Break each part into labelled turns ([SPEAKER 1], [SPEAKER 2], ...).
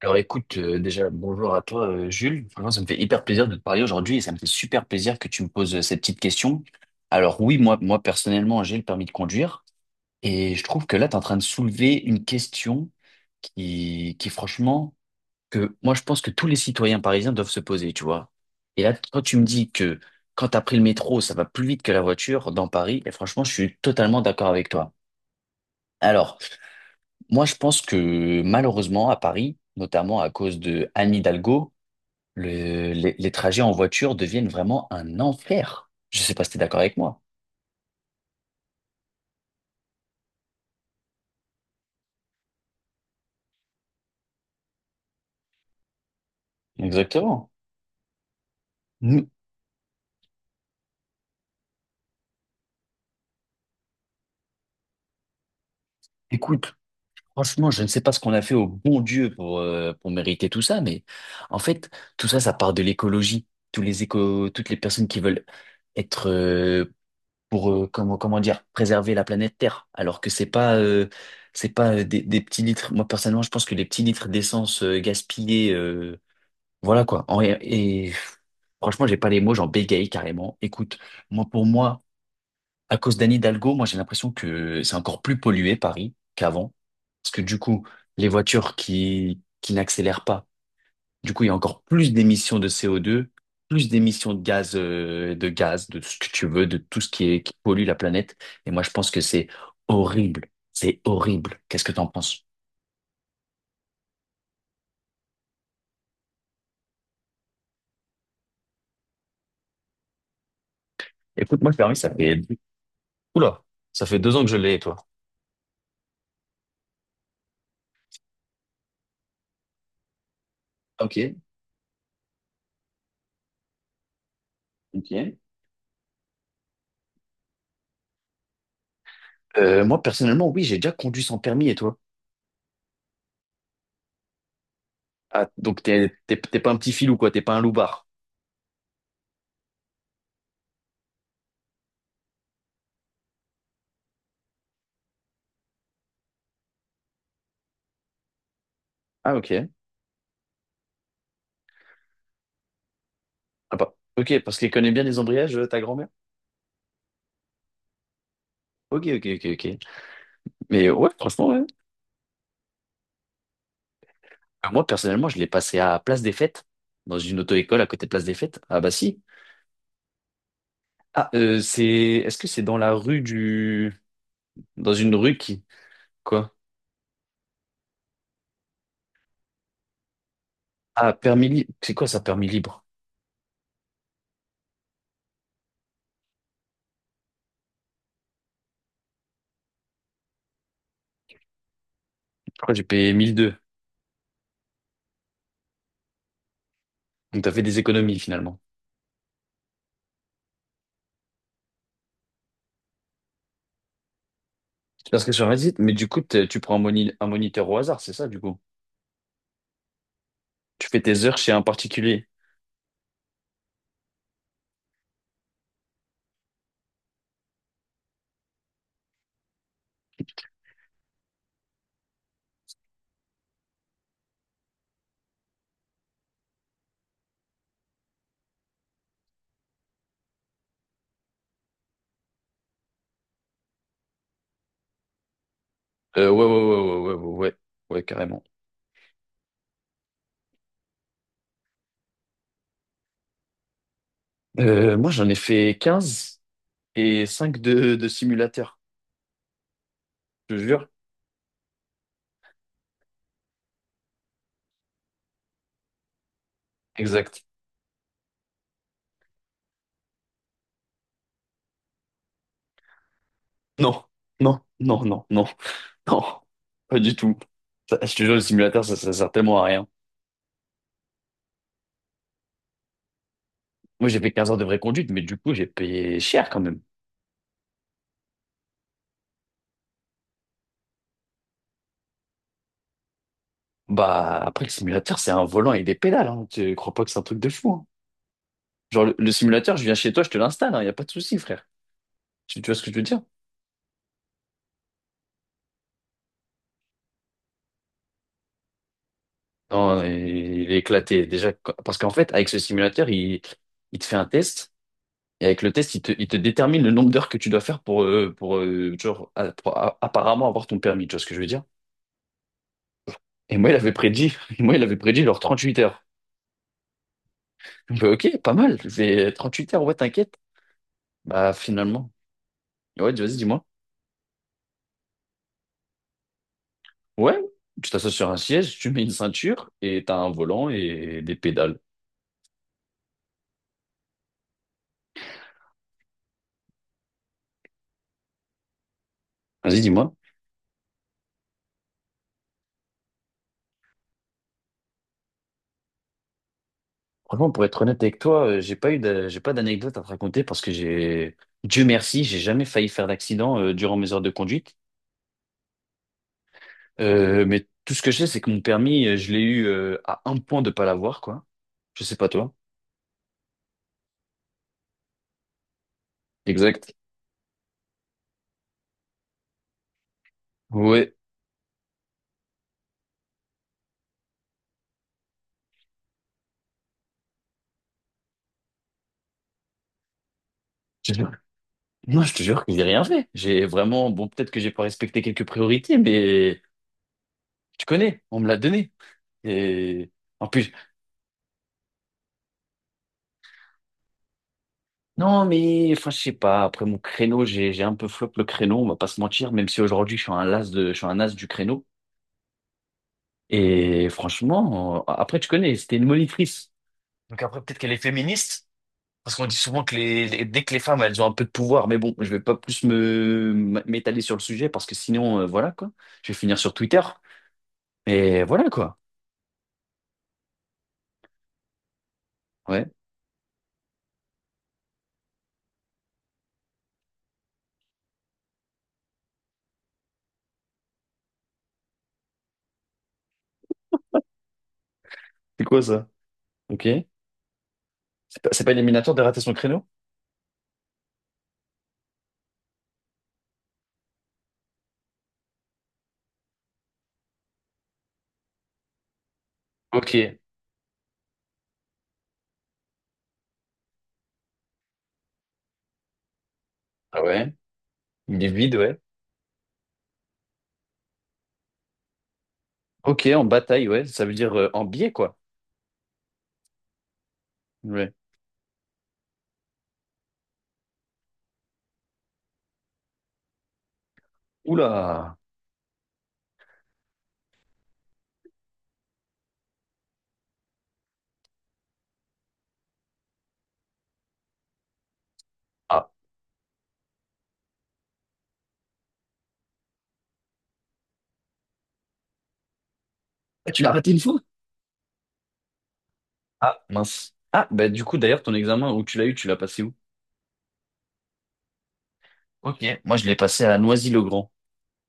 [SPEAKER 1] Alors écoute, déjà bonjour à toi, Jules. Franchement, ça me fait hyper plaisir de te parler aujourd'hui et ça me fait super plaisir que tu me poses cette petite question. Alors oui, moi, personnellement, j'ai le permis de conduire et je trouve que là, tu es en train de soulever une question qui franchement, que moi, je pense que tous les citoyens parisiens doivent se poser, tu vois. Et là, quand tu me dis que quand tu as pris le métro, ça va plus vite que la voiture dans Paris, et franchement, je suis totalement d'accord avec toi. Alors, moi, je pense que malheureusement, à Paris, notamment à cause de Anne Hidalgo, les trajets en voiture deviennent vraiment un enfer. Je sais pas si tu es d'accord avec moi. Exactement. Nous- écoute, franchement, je ne sais pas ce qu'on a fait au bon Dieu pour mériter tout ça, mais en fait, tout ça, ça part de l'écologie. Toutes les personnes qui veulent être pour comment dire, préserver la planète Terre alors que c'est pas des petits litres, moi personnellement je pense que les petits litres d'essence gaspillés, voilà quoi. Franchement, j'ai pas les mots, j'en bégaye carrément. Écoute, moi, pour moi, à cause d'Anne Hidalgo, moi j'ai l'impression que c'est encore plus pollué Paris qu'avant. Parce que du coup, les voitures qui n'accélèrent pas, du coup, il y a encore plus d'émissions de CO2, plus d'émissions de gaz, de tout ce que tu veux, de tout ce qui est, qui pollue la planète. Et moi, je pense que c'est horrible. C'est horrible. Qu'est-ce que t'en penses? Écoute, moi, le permis, oula, ça fait 2 ans que je l'ai, et toi? Ok, ok. Moi, personnellement, oui, j'ai déjà conduit sans permis, et toi? Ah, donc t'es pas un petit filou, quoi, t'es pas un loupard. Ah, ok. Ah bah, ok, parce qu'elle connaît bien les embrayages, ta grand-mère. Ok, ok, ok, ok. Mais ouais, franchement, ouais. Moi, personnellement, je l'ai passé à Place des Fêtes, dans une auto-école à côté de Place des Fêtes, à Bassy. Ah, c'est. Est-ce que c'est dans la rue du. Dans une rue qui. Quoi? Ah, permis libre. C'est quoi ça, permis libre? Je crois que j'ai payé 1002. Donc t'as fait des économies finalement. Parce que sur Reddit, mais du coup, tu prends un moniteur au hasard, c'est ça, du coup? Tu fais tes heures chez un particulier. Ouais, ouais, ouais, ouais, ouais, ouais, ouais, ouais, carrément. Moi, j'en ai fait 15 et 5 de simulateurs, je te jure. Exact. Non, non, non, non, non, non, pas du tout. Ça, je te jure, le simulateur, ça sert tellement à rien. Moi, j'ai fait 15 heures de vraie conduite, mais du coup, j'ai payé cher quand même. Bah, après, le simulateur, c'est un volant et des pédales, hein. Tu crois pas que c'est un truc de fou, hein. Genre, le simulateur, je viens chez toi, je te l'installe. Il n'y a pas de souci, frère. Tu vois ce que je veux dire? Non, il est éclaté. Déjà, parce qu'en fait, avec ce simulateur, il te fait un test. Et avec le test, il te détermine le nombre d'heures que tu dois faire pour, genre, apparemment avoir ton permis. Tu vois ce que je veux dire? Et moi, il avait prédit, moi, il avait prédit genre 38 heures. Je fais, ok, pas mal. C'est 38 heures, ouais, t'inquiète. Bah, finalement. Ouais, vas-y, dis-moi. Ouais, tu t'assois sur un siège, tu mets une ceinture et t'as un volant et des pédales. Vas-y, dis-moi. Franchement, pour être honnête avec toi, j'ai pas d'anecdote à te raconter parce que j'ai, Dieu merci, j'ai jamais failli faire d'accident durant mes heures de conduite. Mais tout ce que je sais, c'est que mon permis, je l'ai eu, à un point de pas l'avoir, quoi. Je sais pas toi. Exact. Ouais. Je te jure. Non, je te jure que j'ai rien fait. J'ai vraiment, bon, peut-être que j'ai pas respecté quelques priorités, mais tu connais, on me l'a donné. Et en plus, non, mais enfin, je sais pas. Après mon créneau, j'ai un peu flop le créneau. On va pas se mentir, même si aujourd'hui je suis un as du créneau. Et franchement, après, tu connais, c'était une monitrice. Donc après, peut-être qu'elle est féministe, parce qu'on dit souvent que dès que les femmes elles ont un peu de pouvoir, mais bon, je vais pas plus me m'étaler sur le sujet, parce que sinon, voilà, quoi. Je vais finir sur Twitter. Mais voilà, quoi. Ouais. C'est quoi ça? Ok. C'est pas éliminatoire de rater son créneau? Ok. Ah ouais. Il est vide, ouais. Ok, en bataille, ouais. Ça veut dire en biais, quoi. Ouais. Oula. Ah, tu l'as raté une fois? Ah, mince. Ah, bah du coup, d'ailleurs, ton examen où tu l'as eu, tu l'as passé où? Ok, moi je l'ai passé à Noisy-le-Grand.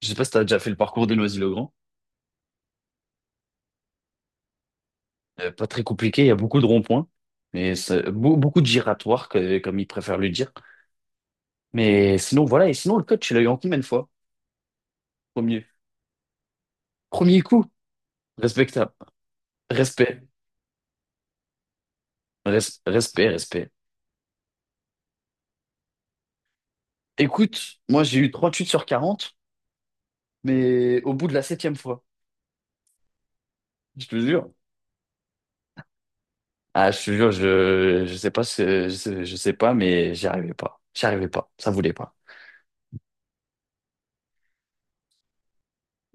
[SPEAKER 1] Je sais pas si tu as déjà fait le parcours de Noisy-le-Grand. Pas très compliqué, il y a beaucoup de ronds-points, mais beaucoup de giratoires, comme ils préfèrent le dire. Mais sinon, voilà, et sinon, le coach, il a eu en combien de fois? Premier. Premier coup, respectable. Respect. Respect, respect. Écoute, moi j'ai eu 38 sur 40, mais au bout de la septième fois, je te jure. Ah, je te jure, je sais pas, je sais pas, mais j'y arrivais pas. J'y arrivais pas, ça voulait pas.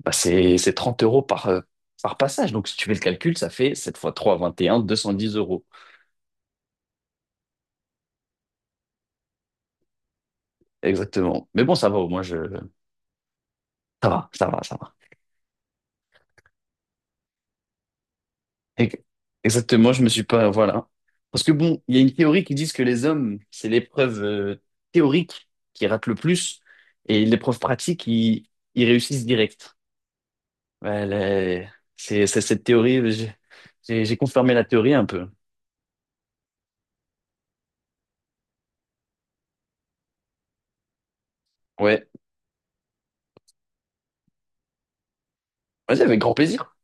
[SPEAKER 1] Bah, c'est 30 euros par passage. Donc, si tu fais le calcul, ça fait 7 fois trois 21 210 euros. Exactement. Mais bon, ça va, au moins, je... ça va, ça va, ça va. Et. Exactement, je me suis pas. Voilà. Parce que bon, il y a une théorie qui dit que les hommes, c'est l'épreuve théorique qui rate le plus et l'épreuve pratique, ils réussissent direct. Ouais, c'est cette théorie, j'ai confirmé la théorie un peu. Ouais, vas-y, avec grand plaisir.